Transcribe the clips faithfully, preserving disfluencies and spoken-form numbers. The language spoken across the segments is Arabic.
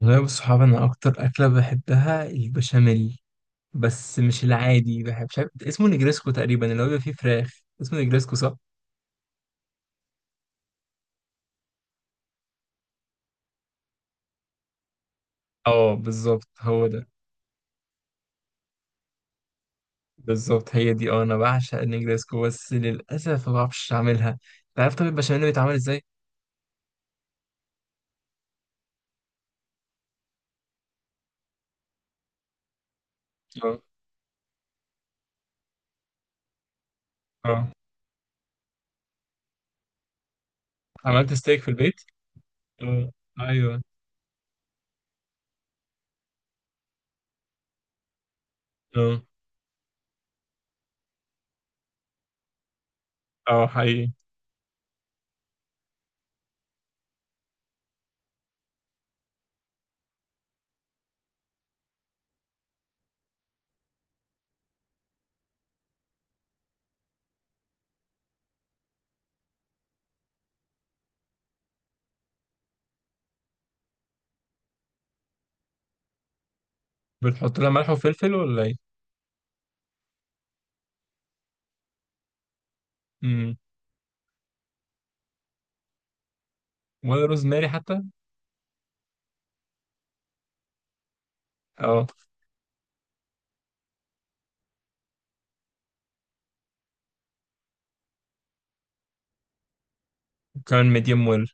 والله بالصحاب انا اكتر اكله بحبها البشاميل. بس مش العادي، بحب مش عارف اسمه نجريسكو تقريبا، اللي هو بيبقى فيه فراخ، اسمه نجريسكو صح؟ اه بالظبط هو ده. بالظبط هي دي، اه انا بعشق النجريسكو، بس للاسف ما بعرفش اعملها. انت عارف طب البشاميل اللي بيتعمل ازاي؟ اه اه. عملت ستيك في البيت؟ اه. ايوه. اه اه حقيقي. بتحط لها ملح وفلفل ولا ايه؟ امم. ولا روزماري حتى. اه كان ميديم ويل؟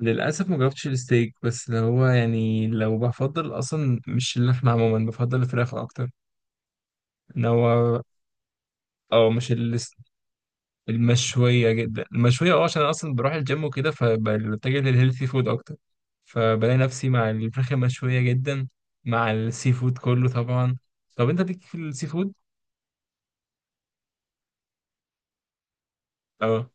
للأسف ما جربتش الستيك، بس اللي هو يعني لو بفضل أصلا مش اللحمة عموما، بفضل الفراخ أكتر. إن هو، أو مش الس- المشوية جدا، المشوية أه عشان أنا أصلا بروح الجيم وكده، فبتجه للهيلثي فود أكتر. فبلاقي نفسي مع الفراخ المشوية جدا، مع السي فود كله طبعا. طب أنت ليك في السي فود؟ أه.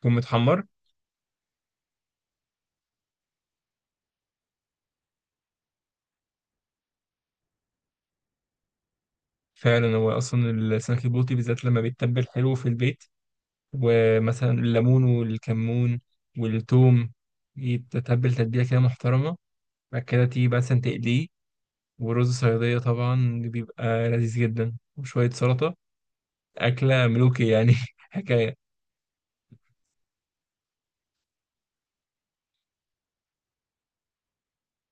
يكون متحمر. فعلا هو أصلا السمك البلطي بالذات لما بيتبل حلو في البيت، ومثلا الليمون والكمون والثوم، يتتبل تتبيلة كده محترمة. بعد كده تيجي مثلا تقليه، ورز صيادية طبعا بيبقى لذيذ جدا، وشوية سلطة. أكلة ملوكي يعني حكاية.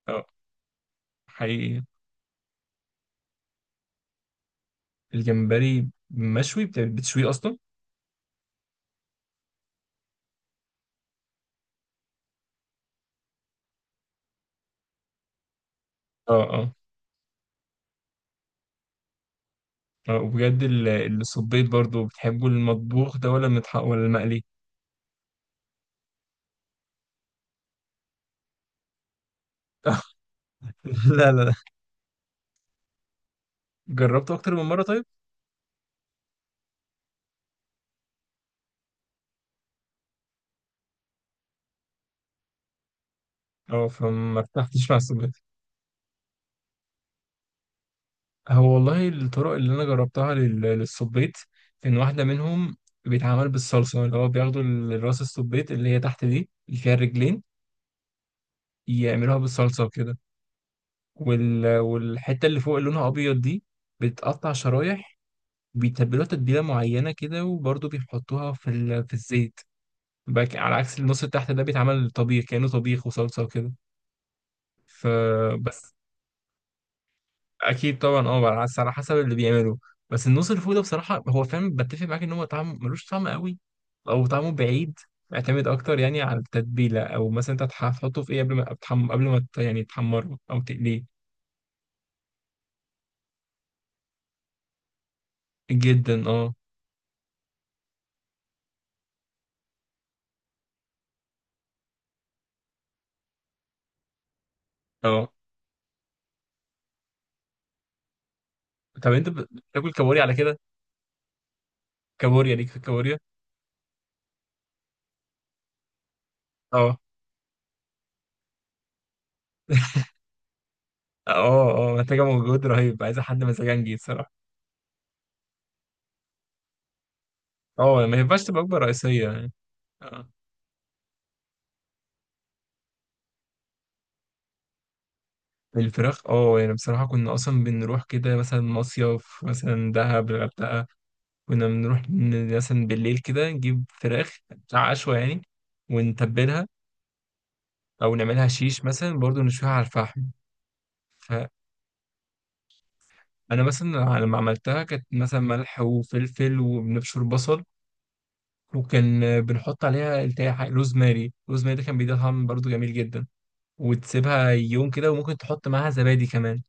اه حقيقي. الجمبري مشوي، بت- بتشويه أصلا؟ اه اه اه وبجد، ال- الصبيط برضو، بتحبوا المطبوخ ده ولا المتحق ولا المقلي؟ لا لا لا. جربته أكتر من مرة طيب. اه فما ارتحتش مع الصبيط. هو والله الطرق اللي انا جربتها لل- للسبيط، ان واحده منهم بيتعمل بالصلصه، اللي هو بياخدوا ال- راس السبيط اللي هي تحت دي اللي فيها الرجلين، يعملوها بالصلصه وكده. وال... والحته اللي فوق اللي لونها ابيض دي، بتقطع شرايح، بيتبلوها تتبيله معينه كده، وبرضه بيحطوها في ال... في الزيت. بك... على عكس النص اللي تحت ده، بيتعمل طبيخ، كانه طبيخ وصلصه وكده فبس. اكيد طبعا، اه على حس- على حسب اللي بيعمله. بس النص الفوق ده بصراحه، هو فاهم، بتفق معاك ان هو طعم ملوش طعم قوي، او طعمه بعيد. يعتمد اكتر يعني على التتبيله، او مثلا انت هتح- هتحطه في ايه قبل ما تحم... قبل ما ت- يعني تحمره او تقليه. جدا اه. اه طب انت ب- بتاكل كابوريا على كده؟ كابوريا ليك في الكابوريا؟ اه اه اه محتاجه مجهود رهيب، عايزه حد مزاجنجي بصراحه. اه ما ينفعش تبقى وجبه رئيسيه يعني. اه الفراخ، اه يعني بصراحه كنا اصلا بنروح كده مثلا مصيف، مثلا دهب، الغردقه. كنا بنروح ن- مثلا بالليل كده نجيب فراخ بتاع عشوة يعني، ونتبلها. أو نعملها شيش مثلا، برضو نشويها على الفحم. فأنا مثلا لما عملتها كانت مثلا ملح وفلفل وبنبشر بصل. وكان آه، بنحط عليها التاي حاجة روزماري، روزماري ده كان بيديها طعم برضو جميل جدا. وتسيبها يوم كده، وممكن تحط معاها زبادي كمان.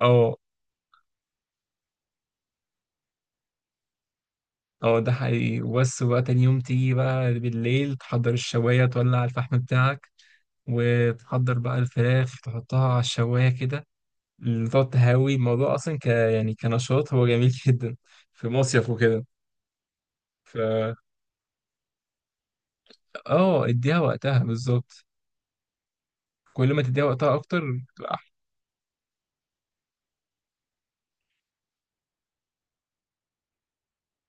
اه. اه ده حقيقي. وبس بقى تاني يوم تيجي بقى بالليل، تحضر الشواية، تولع الفحم بتاعك، وتحضر بقى الفراخ، تحطها على الشواية كده. اللي تقعد تهوي الموضوع أصلا ك يعني كنشاط هو جميل جدا، في مصيف وكده. ف اه اديها وقتها بالظبط. كل ما تديها وقتها أكتر بتبقى أحلى.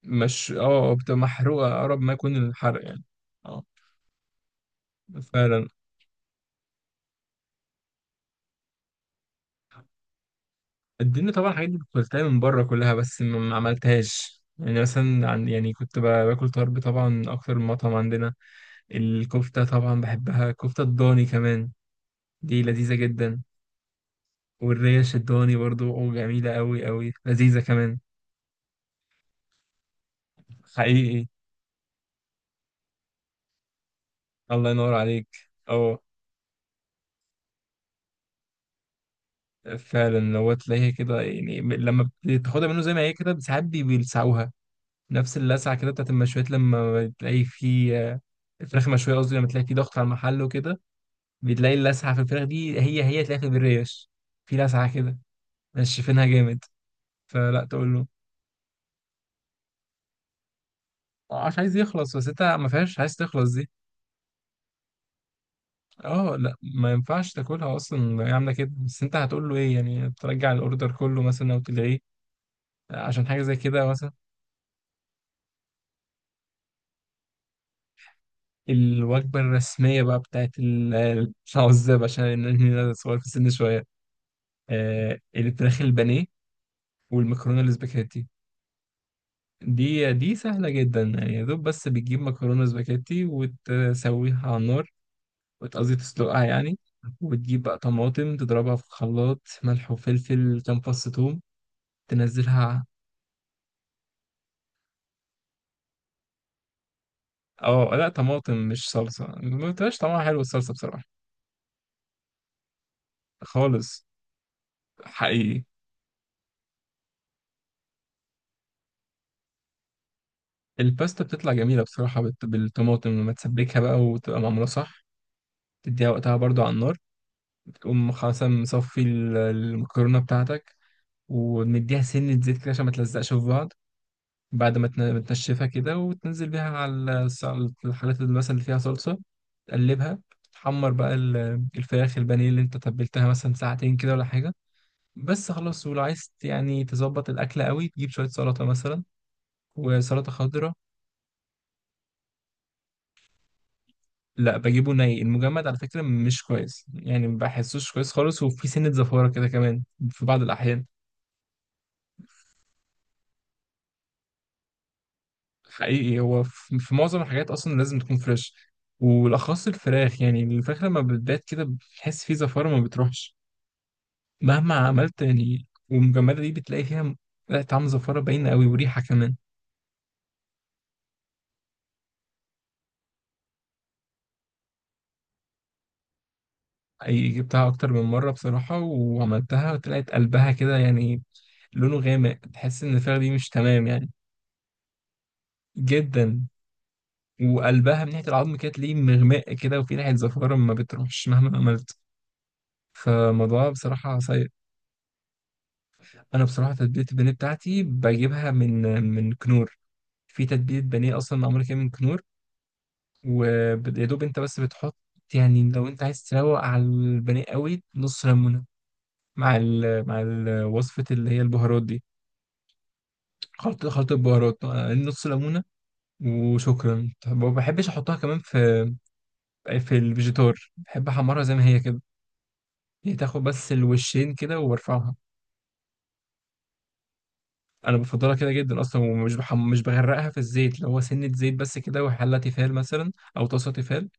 مش اه بتبقى محروقة، أقرب ما يكون الحرق يعني. اه فعلا. اديني طبعا الحاجات دي كنت باكلتها من بره كلها، بس ما ما عملتهاش يعني. مثلا عن يعني كنت ب- باكل طرب طبعا من أكتر من مطعم عندنا. الكفتة طبعا بحبها، كفتة الضاني كمان دي لذيذة جدا. والريا الشدواني برضو أو جميلة أوي أوي، لذيذة كمان. حقيقي. الله ينور عليك. اه فعلا، لو تلاقيها كده يعني، م- لما بتاخدها منه زي ما هي كده ساعات بي- بيلسعوها. نفس اللسعة كده بتاعت المشويات، لما بتلاقي في آه، الفراخ مشوية، قصدي لما تلاقي في ضغط على المحل وكده، بتلاقي اللسعة في الفراخ دي، هي هي تلاقيها في الريش، في لسعة كده. نشفينها جامد، فلا تقول له آه، مش عايز يخلص، بس انت ما فيهاش عايز تخلص دي. اه لا ما ينفعش تاكلها اصلا هي عامله كده، بس انت هتقول له ايه يعني، ترجع الاوردر كله مثلا او تلغيه عشان حاجه زي كده مثلا. الوجبه الرسميه بقى بتاعت ال- العزاب، عشان إن انا صغير في السن شويه. آه الفراخ البانيه، والمكرونه الاسباجيتي. دي دي سهله جدا يعني، يا دوب بس بتجيب مكرونه سباجيتي وتسويها على النار، وت- قصدي تسلقها يعني. وتجيب بقى طماطم تضربها في خلاط، ملح وفلفل، كام فص ثوم تنزلها. اه لا طماطم مش صلصة، ما بتبقاش طعمها حلو الصلصة بصراحة. خالص. حقيقي. الباستا بتطلع جميلة بصراحة بت- بالطماطم، لما تسبكها بقى وتبقى معمولة صح، تديها وقتها برضو على النار، تقوم خاصة مصفي ال- المكرونة بتاعتك، ومديها سنة زيت كده عشان ما تلزقش في بعض. بعد ما تن- تنشفها كده، وتنزل بيها على الص- الحاجات اللي مثلا اللي فيها صلصة، تقلبها. تحمر بقى ال- الفراخ البانيه اللي انت تبلتها مثلا ساعتين كده ولا حاجة. بس خلاص. ولو عايز يعني تظبط الأكلة قوي، تجيب شوية سلطة مثلا، وسلطة خضراء. لا بجيبه ني، المجمد على فكرة مش كويس يعني، ما بحسوش كويس خالص، وفي سنة زفارة كده كمان في بعض الأحيان. حقيقي هو في في معظم الحاجات أصلا لازم تكون فريش، والأخص الفراخ. يعني الفراخ لما بتبات كده بتحس فيه زفارة، ما بتروحش مهما عملت يعني، والمجمدة دي بتلاقي فيها م- لا طعم، زفارة باينة قوي وريحة كمان. حقيقي جبتها أكتر من مرة بصراحة، وعملتها طلعت قلبها كده يعني، لونه غامق، تحس ان الفراخ دي مش تمام يعني. جدا. وقلبها من ناحيه العظم كانت ليه مغماء كده، وفي ناحيه زفاره ما بتروحش مهما عملت، فالموضوع بصراحه سيء. انا بصراحه تتبيله البانيه بتاعتي بجيبها من من كنور، في تتبيله بانيه اصلا معموله كده من كنور. ويا دوب انت بس بتحط، يعني لو انت عايز تروق على البانيه قوي، نص ليمونه مع ال مع ال- وصفه اللي هي البهارات دي. خلطه خلطه البهارات آه، نص ليمونه وشكرا. ما بحبش احطها كمان في في الفيجيتار، بحب احمرها زي ما هي كده، هي تاخد بس الوشين كده وبرفعها. انا بفضلها كده جدا اصلا، ومش بحم... مش بغرقها في الزيت، لو هو سنة زيت بس كده، وحلة تيفال مثلا او طاسة تيفال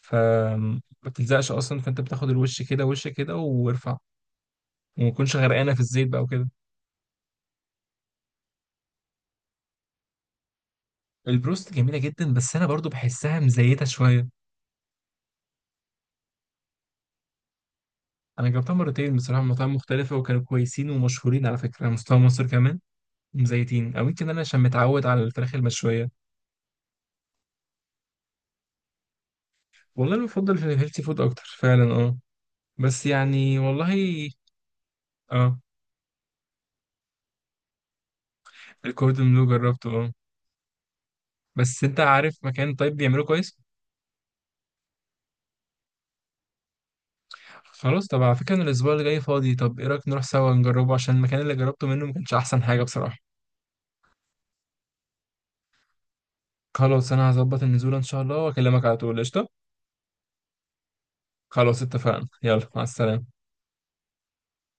فما بتلزقش اصلا، فانت بتاخد الوش كده وش كده وارفع، وما تكونش غرقانة في الزيت بقى وكده. البروست جميلة جدا، بس انا برضو بحسها مزيتة شوية. انا جربتها مرتين بصراحة من مطاعم مختلفة، وكانوا كويسين ومشهورين على فكرة على مستوى مصر كمان، مزيتين. او يمكن انا عشان متعود على الفراخ المشوية. والله أنا بفضل في الهيلثي فود أكتر فعلا أه، بس يعني والله. أه. الكوردون بلو جربته أه، بس أنت عارف مكان طيب بيعمله كويس؟ خلاص طب على فكرة، أنا الأسبوع اللي جاي فاضي، طب إيه رأيك نروح سوا نجربه، عشان المكان اللي جربته منه ما كانش أحسن حاجة بصراحة. خلاص أنا هظبط النزول إن شاء الله، وأكلمك على طول. قشطة. خلاص اتفقنا، يلا مع السلامة.